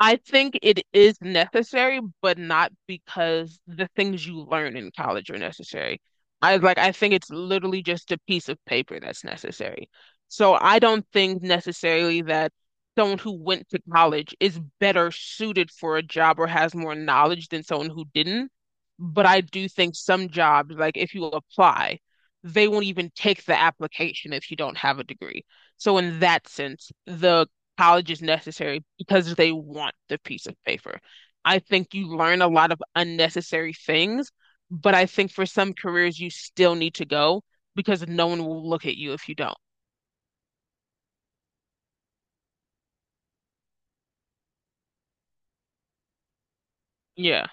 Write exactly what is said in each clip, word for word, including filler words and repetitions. I think it is necessary, but not because the things you learn in college are necessary. I like I think it's literally just a piece of paper that's necessary. So I don't think necessarily that someone who went to college is better suited for a job or has more knowledge than someone who didn't. But I do think some jobs, like if you apply, they won't even take the application if you don't have a degree. So in that sense, the college is necessary because they want the piece of paper. I think you learn a lot of unnecessary things, but I think for some careers you still need to go because no one will look at you if you don't. Yeah.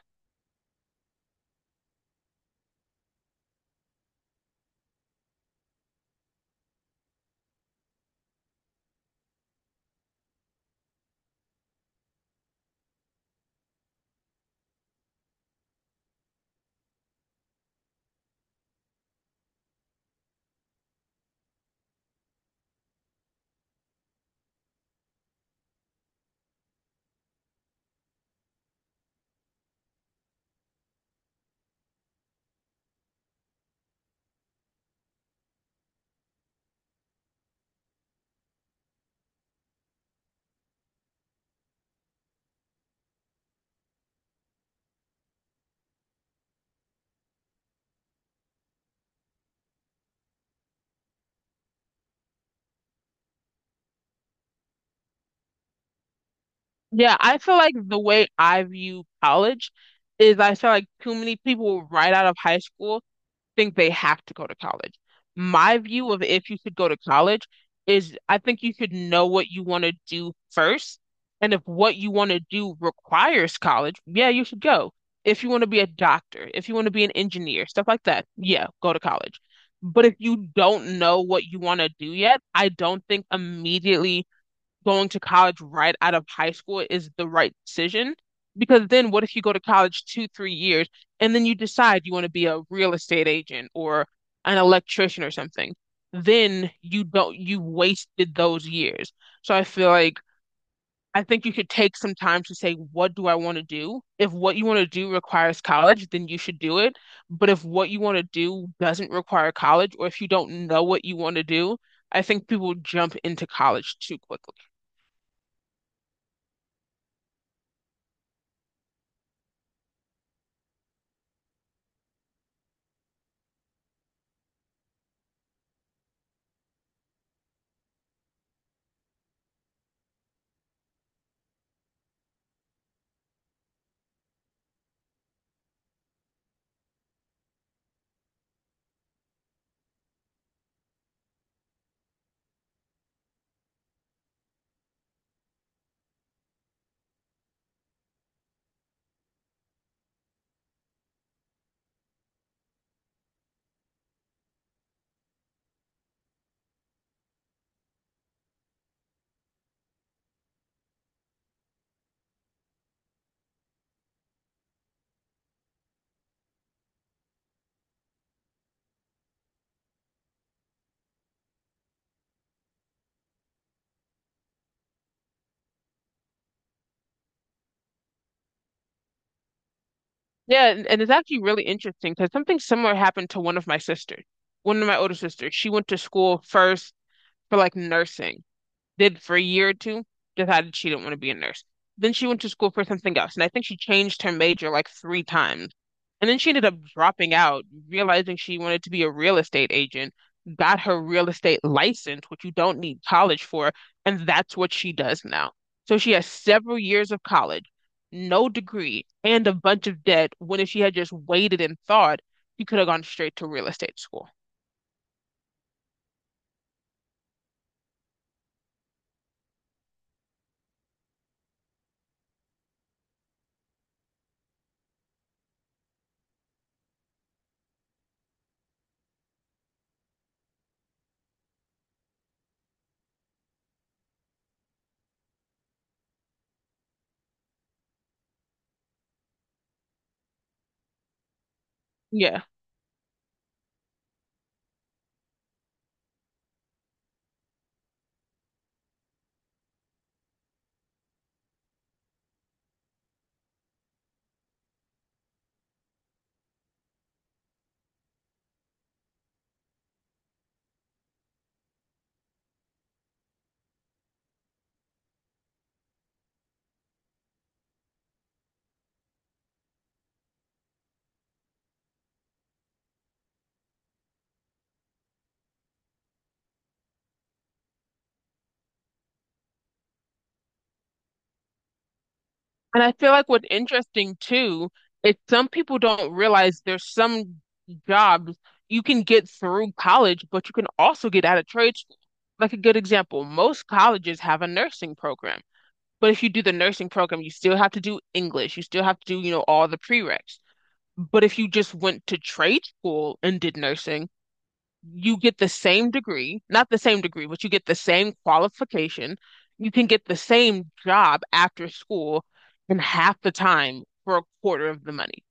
Yeah, I feel like the way I view college is I feel like too many people right out of high school think they have to go to college. My view of if you should go to college is I think you should know what you want to do first. And if what you want to do requires college, yeah, you should go. If you want to be a doctor, if you want to be an engineer, stuff like that, yeah, go to college. But if you don't know what you want to do yet, I don't think immediately going to college right out of high school is the right decision. Because then what if you go to college two, three years and then you decide you want to be a real estate agent or an electrician or something? Then you don't, you wasted those years. So I feel like I think you should take some time to say, what do I want to do? If what you want to do requires college, then you should do it. But if what you want to do doesn't require college, or if you don't know what you want to do, I think people jump into college too quickly. Yeah, and, and it's actually really interesting because something similar happened to one of my sisters, one of my older sisters. She went to school first for like nursing, did for a year or two, decided she didn't want to be a nurse. Then she went to school for something else, and I think she changed her major like three times. And then she ended up dropping out, realizing she wanted to be a real estate agent, got her real estate license, which you don't need college for, and that's what she does now. So she has several years of college, no degree, and a bunch of debt, when if she had just waited and thought, she could have gone straight to real estate school. Yeah. And I feel like what's interesting too is some people don't realize there's some jobs you can get through college, but you can also get out of trade school. Like a good example, most colleges have a nursing program, but if you do the nursing program, you still have to do English, you still have to do, you know, all the prereqs. But if you just went to trade school and did nursing, you get the same degree, not the same degree, but you get the same qualification. You can get the same job after school in half the time for a quarter of the money.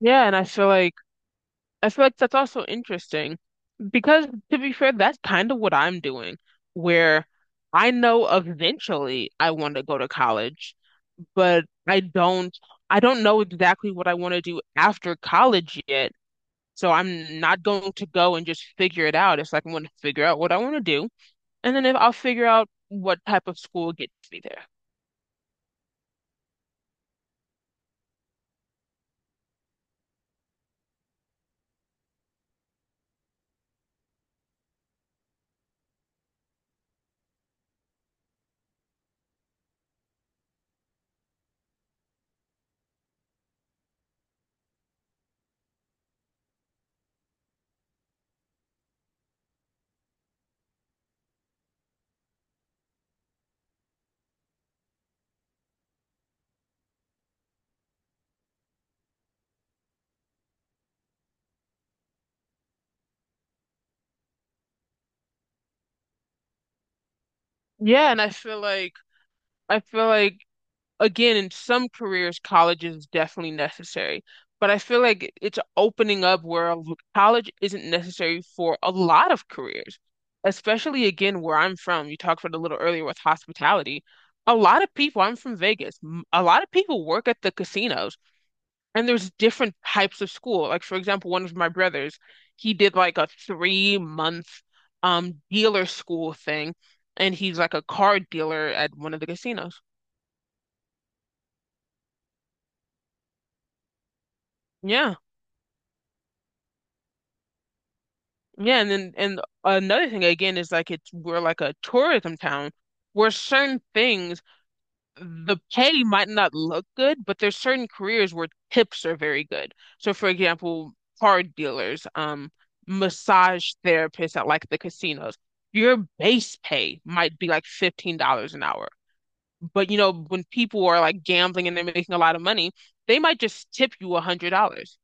Yeah, and I feel like I feel like that's also interesting because to be fair, that's kind of what I'm doing, where I know eventually I want to go to college, but I don't I don't know exactly what I want to do after college yet. So I'm not going to go and just figure it out. It's like I'm going to figure out what I want to do, and then if I'll figure out what type of school gets me there. Yeah, and I feel like I feel like again in some careers, college is definitely necessary, but I feel like it's opening up where a l- college isn't necessary for a lot of careers, especially again where I'm from. You talked about it a little earlier with hospitality. A lot of people, I'm from Vegas. m- A lot of people work at the casinos. And there's different types of school. Like for example, one of my brothers, he did like a three month um dealer school thing, and he's like a car dealer at one of the casinos. Yeah, yeah. And then and another thing again is like it's we're like a tourism town where certain things the pay might not look good, but there's certain careers where tips are very good. So, for example, card dealers, um, massage therapists at like the casinos, your base pay might be like fifteen dollars an hour. But you know, when people are like gambling and they're making a lot of money, they might just tip you a hundred dollars.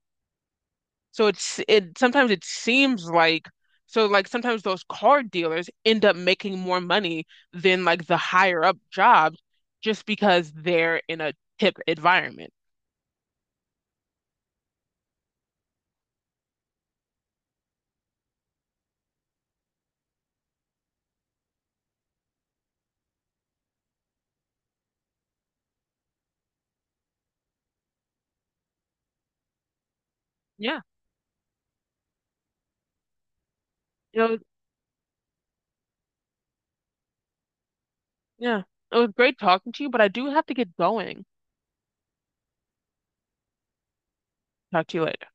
So it's it sometimes it seems like so like sometimes those card dealers end up making more money than like the higher up jobs just because they're in a tip environment. Yeah. It was, yeah. It was great talking to you, but I do have to get going. Talk to you later.